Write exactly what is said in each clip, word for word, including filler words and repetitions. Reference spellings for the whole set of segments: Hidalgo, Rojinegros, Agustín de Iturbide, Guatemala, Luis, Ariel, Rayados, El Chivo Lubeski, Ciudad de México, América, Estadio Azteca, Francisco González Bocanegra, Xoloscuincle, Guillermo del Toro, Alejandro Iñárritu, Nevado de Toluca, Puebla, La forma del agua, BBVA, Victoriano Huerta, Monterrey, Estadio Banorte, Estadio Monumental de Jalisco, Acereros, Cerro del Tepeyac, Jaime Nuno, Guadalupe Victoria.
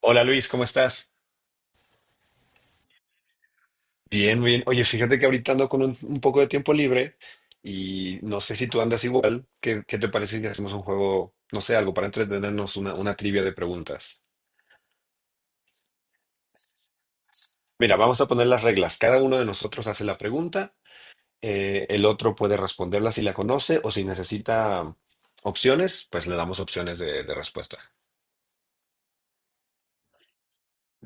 Hola Luis, ¿cómo estás? Bien, bien. Oye, fíjate que ahorita ando con un, un poco de tiempo libre y no sé si tú andas igual. ¿Qué, qué te parece si hacemos un juego, no sé, algo para entretenernos, una, una trivia de preguntas? Mira, vamos a poner las reglas. Cada uno de nosotros hace la pregunta, eh, el otro puede responderla si la conoce o si necesita opciones, pues le damos opciones de, de respuesta.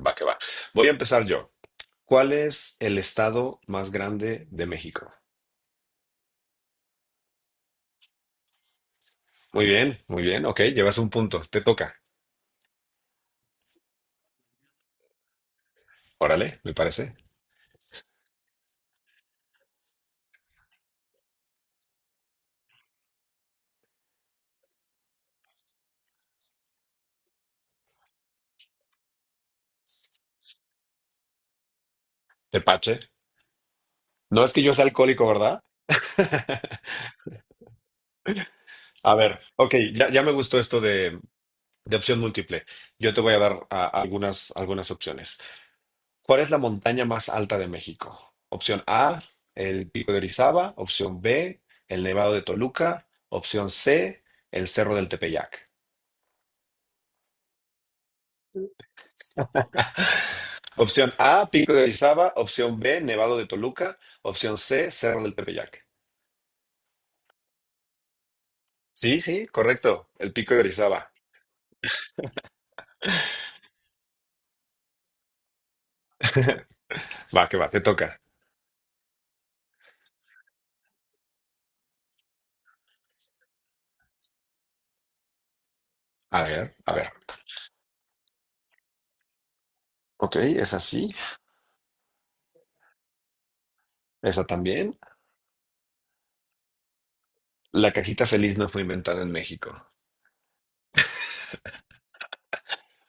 Va que va. Voy a empezar yo. ¿Cuál es el estado más grande de México? Muy bien, muy bien. Ok, llevas un punto. Te toca. Órale, me parece. Tepache. No es que yo sea alcohólico, ¿verdad? A ver, ok, ya, ya me gustó esto de, de opción múltiple. Yo te voy a dar a- algunas, algunas opciones. ¿Cuál es la montaña más alta de México? Opción A, el Pico de Orizaba. Opción B, el Nevado de Toluca. Opción C, el Cerro del Tepeyac. Opción A, Pico de Orizaba. Opción B, Nevado de Toluca. Opción C, Cerro del Tepeyac. Sí, sí, correcto. El Pico de Orizaba. Va, que va, te toca. A ver, a ver. Ok, es así. Esa también. La cajita feliz no fue inventada en México.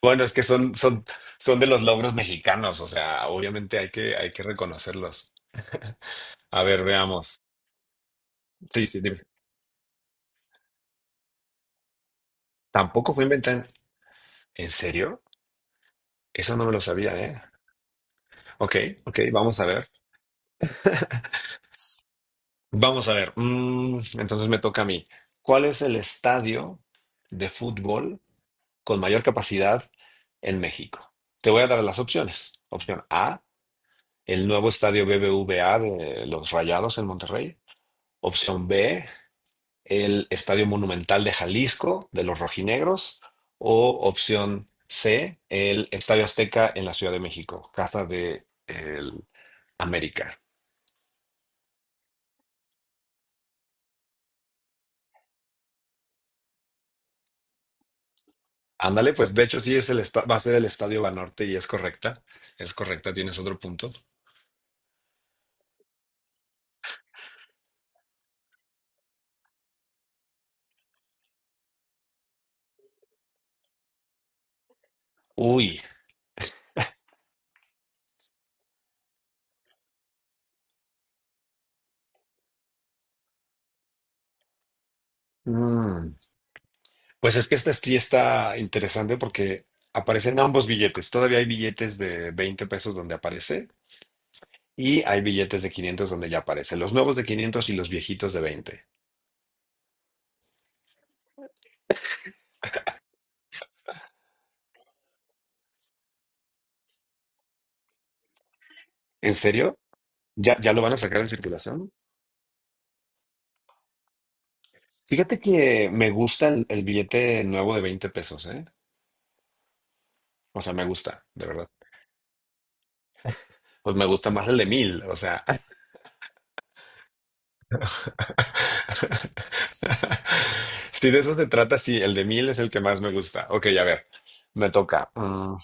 Bueno, es que son, son, son de los logros mexicanos, o sea, obviamente hay que, hay que reconocerlos. A ver, veamos. Sí, sí, dime. Tampoco fue inventada. ¿En ¿En serio? Eso no me lo sabía, ¿eh? Ok, ok, vamos a ver. Vamos a ver. Mm, entonces me toca a mí. ¿Cuál es el estadio de fútbol con mayor capacidad en México? Te voy a dar las opciones. Opción A, el nuevo estadio B B V A de los Rayados en Monterrey. Opción B, el Estadio Monumental de Jalisco de los Rojinegros. O opción C, el Estadio Azteca en la Ciudad de México, casa de el América. Ándale, pues de hecho sí es el esta- va a ser el Estadio Banorte y es correcta. Es correcta, tienes otro punto. Uy, mm, pues es que esta sí está interesante porque aparecen ambos billetes. Todavía hay billetes de veinte pesos donde aparece. Y hay billetes de quinientos donde ya aparecen los nuevos de quinientos y los viejitos de veinte. ¿En serio? ¿Ya, ya lo van a sacar en circulación? Fíjate que me gusta el, el billete nuevo de veinte pesos, ¿eh? O sea, me gusta, de verdad. Pues me gusta más el de mil, o sea. Si de eso se trata, sí, el de mil es el que más me gusta. Ok, a ver, me toca. Mm,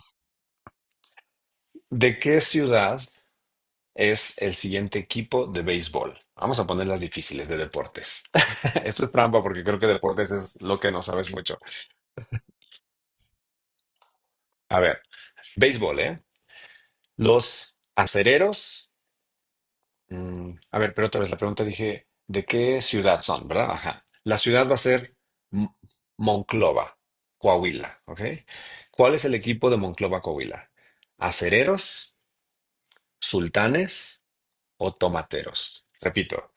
¿De qué ciudad es el siguiente equipo de béisbol? Vamos a poner las difíciles de deportes. Esto es trampa porque creo que deportes es lo que no sabes mucho. A ver, béisbol, ¿eh? Los acereros. Mm, a ver, pero otra vez la pregunta dije, ¿de qué ciudad son, verdad? Ajá. La ciudad va a ser M- Monclova, Coahuila, ¿ok? ¿Cuál es el equipo de Monclova, Coahuila? ¿Acereros, sultanes o tomateros? Repito,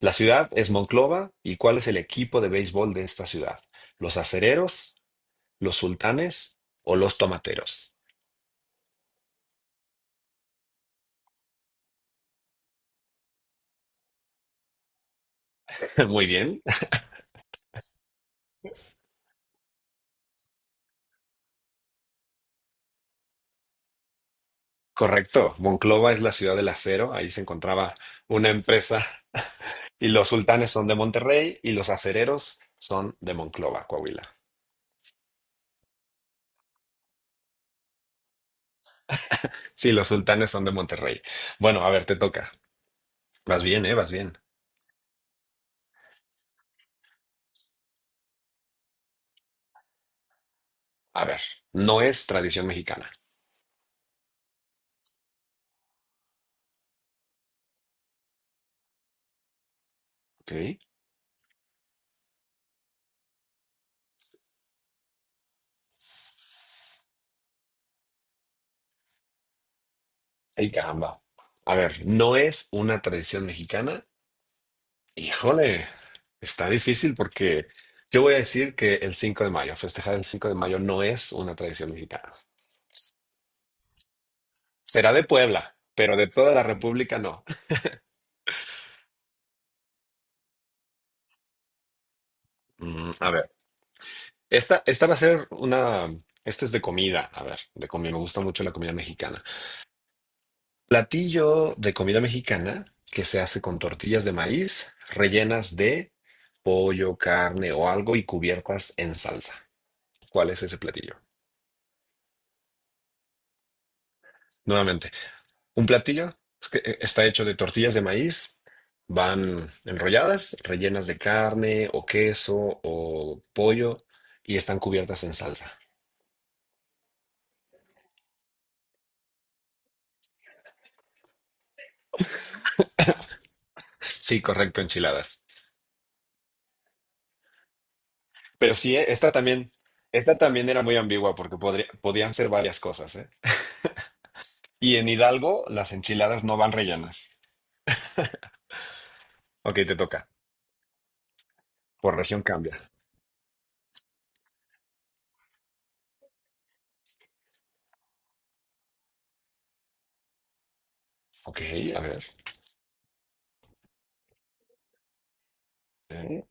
la ciudad es Monclova y ¿cuál es el equipo de béisbol de esta ciudad? ¿Los acereros, los sultanes o los tomateros? Muy bien. Correcto, Monclova es la ciudad del acero, ahí se encontraba una empresa y los sultanes son de Monterrey y los acereros son de Monclova, Coahuila. Sí, los sultanes son de Monterrey. Bueno, a ver, te toca. Vas bien, ¿eh? Vas bien. A ver, no es tradición mexicana. Ok. Ay, caramba. A ver, no es una tradición mexicana. Híjole, está difícil porque yo voy a decir que el cinco de mayo, festejar el cinco de mayo no es una tradición mexicana. Será de Puebla, pero de toda la República no. Mm, a ver, esta, esta va a ser una. Esto es de comida. A ver, de comida. Me gusta mucho la comida mexicana. Platillo de comida mexicana que se hace con tortillas de maíz rellenas de pollo, carne o algo y cubiertas en salsa. ¿Cuál es ese platillo? Nuevamente. Un platillo es que eh, está hecho de tortillas de maíz, van enrolladas, rellenas de carne o queso o pollo y están cubiertas en salsa. Sí, correcto, enchiladas. Pero sí, eh, esta también, esta también era muy ambigua porque podría- podían ser varias cosas, ¿eh? Y en Hidalgo las enchiladas no van rellenas. Ok, te toca. Por región cambia. Ok, a ver. Eh,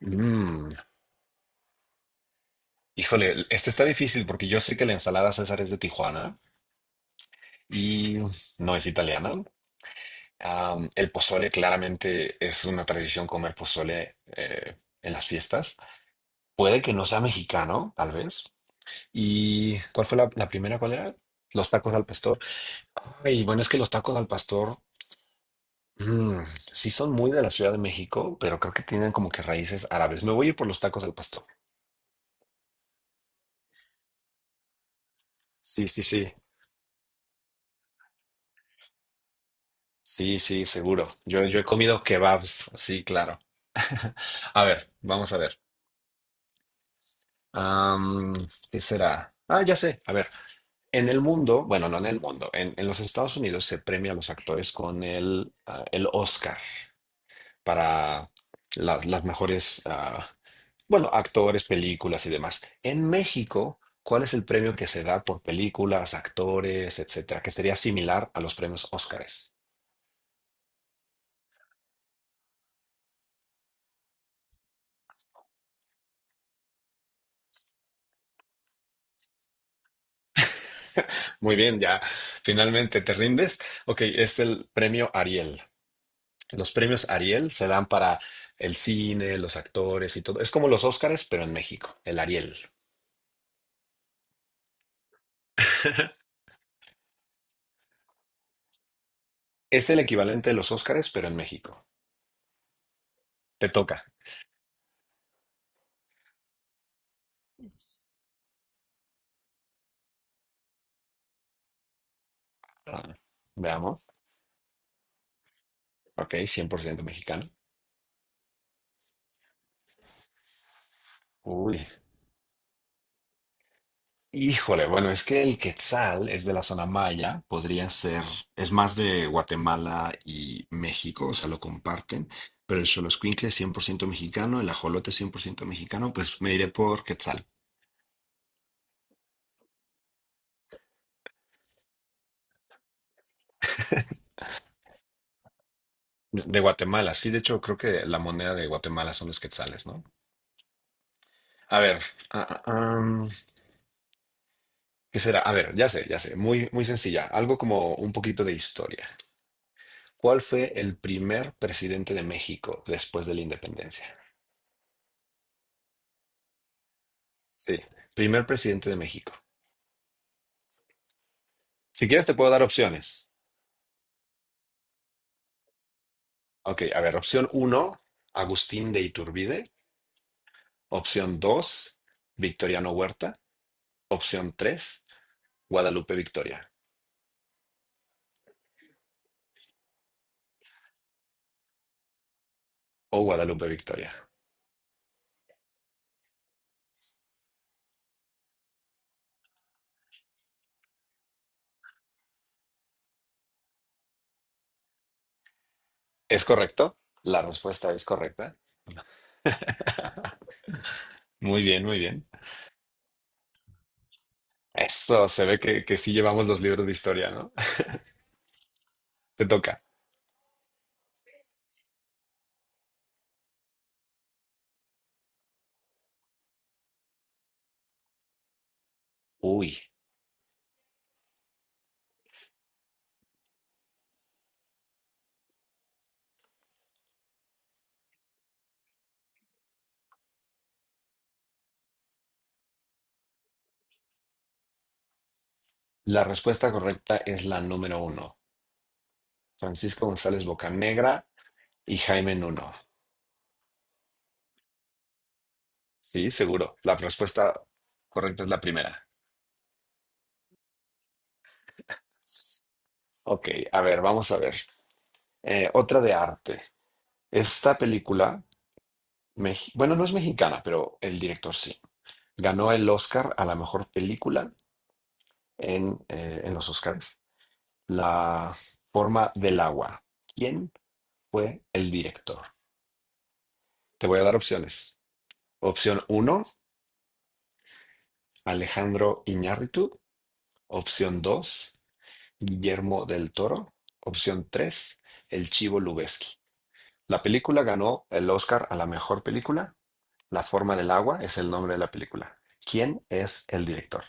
Mm, Híjole, este está difícil porque yo sé que la ensalada César es de Tijuana, y no es italiana. Am, el pozole claramente es una tradición comer pozole eh, en las fiestas. Puede que no sea mexicano, tal vez. ¿Y cuál fue la, la primera? ¿Cuál era? Los tacos al pastor. Ay, bueno, es que los tacos al pastor mm, sí son muy de la Ciudad de México, pero creo que tienen como que raíces árabes. Me voy a ir por los tacos al pastor. Sí, sí, sí. Sí, sí, seguro. Yo, yo he comido kebabs. Sí, claro. A ver, vamos a ver. Am, ¿Qué será? Ah, ya sé. A ver, en el mundo, bueno, no en el mundo, en, en los Estados Unidos se premia a los actores con el, ah, el Oscar para las, las mejores, ah, bueno, actores, películas y demás. En México, ¿cuál es el premio que se da por películas, actores, etcétera? Que sería similar a los premios Óscares. Muy bien, ya finalmente te rindes. Ok, es el premio Ariel. Los premios Ariel se dan para el cine, los actores y todo. Es como los Óscares, pero en México, el Ariel. Es el equivalente de los Óscares, pero en México. Te toca. Ah, veamos. Ok, cien por ciento mexicano. Uy. Híjole, bueno, es que el Quetzal es de la zona maya, podría ser, es más de Guatemala y México, o sea, lo comparten, pero el Xoloscuincle es cien por ciento mexicano, el ajolote es cien por ciento mexicano, pues me iré por Quetzal. De de Guatemala, sí, de hecho creo que la moneda de Guatemala son los quetzales, ¿no? A ver, ah, ah, am, ¿qué será? A ver, ya sé, ya sé, muy, muy sencilla, algo como un poquito de historia. ¿Cuál fue el primer presidente de México después de la independencia? Sí, primer presidente de México. Si quieres te puedo dar opciones. Ok, a ver, opción uno, Agustín de Iturbide. Opción dos, Victoriano Huerta. Opción tres, Guadalupe Victoria o Guadalupe Victoria. ¿Es correcto? La respuesta es correcta. Muy bien, muy bien. Eso, se ve que, que sí llevamos los libros de historia, ¿no? Te toca. Uy, la respuesta correcta es la número uno. Francisco González Bocanegra y Jaime Nuno. Sí, seguro. La respuesta correcta es la primera. Ok, a ver, vamos a ver. Eh, otra de arte. Esta película, mex- bueno, no es mexicana, pero el director sí. Ganó el Oscar a la mejor película en, eh, en los Oscars. La forma del agua. ¿Quién fue el director? Te voy a dar opciones. Opción uno, Alejandro Iñárritu. Opción dos, Guillermo del Toro. Opción tres, El Chivo Lubeski. La película ganó el Oscar a la mejor película. La forma del agua es el nombre de la película. ¿Quién es el director?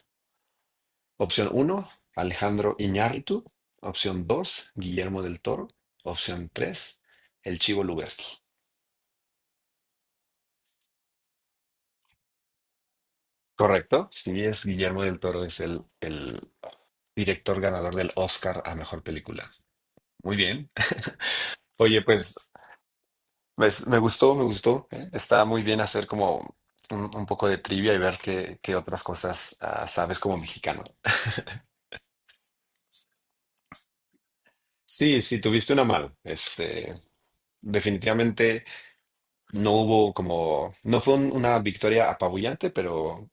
Opción uno, Alejandro Iñárritu. Opción dos, Guillermo del Toro. Opción tres, El Chivo Lubeski. Correcto. Sí, es Guillermo del Toro, es el, el director ganador del Oscar a mejor película. Muy bien. Oye, pues pues, me gustó, me gustó. ¿Eh? Está muy bien hacer como un, un poco de trivia y ver qué, qué otras cosas ah, sabes como mexicano. Sí, sí, tuviste una mano. Este, definitivamente no hubo como, no fue un- una victoria apabullante, pero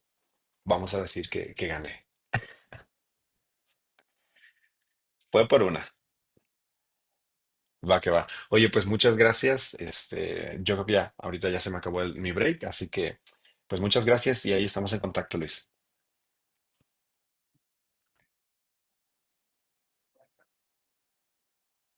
vamos a decir que, que gané. Fue por una. Va que va. Oye, pues muchas gracias. Este, yo creo que ya, ahorita ya se me acabó el- mi break, así que pues muchas gracias y ahí estamos en contacto, Luis.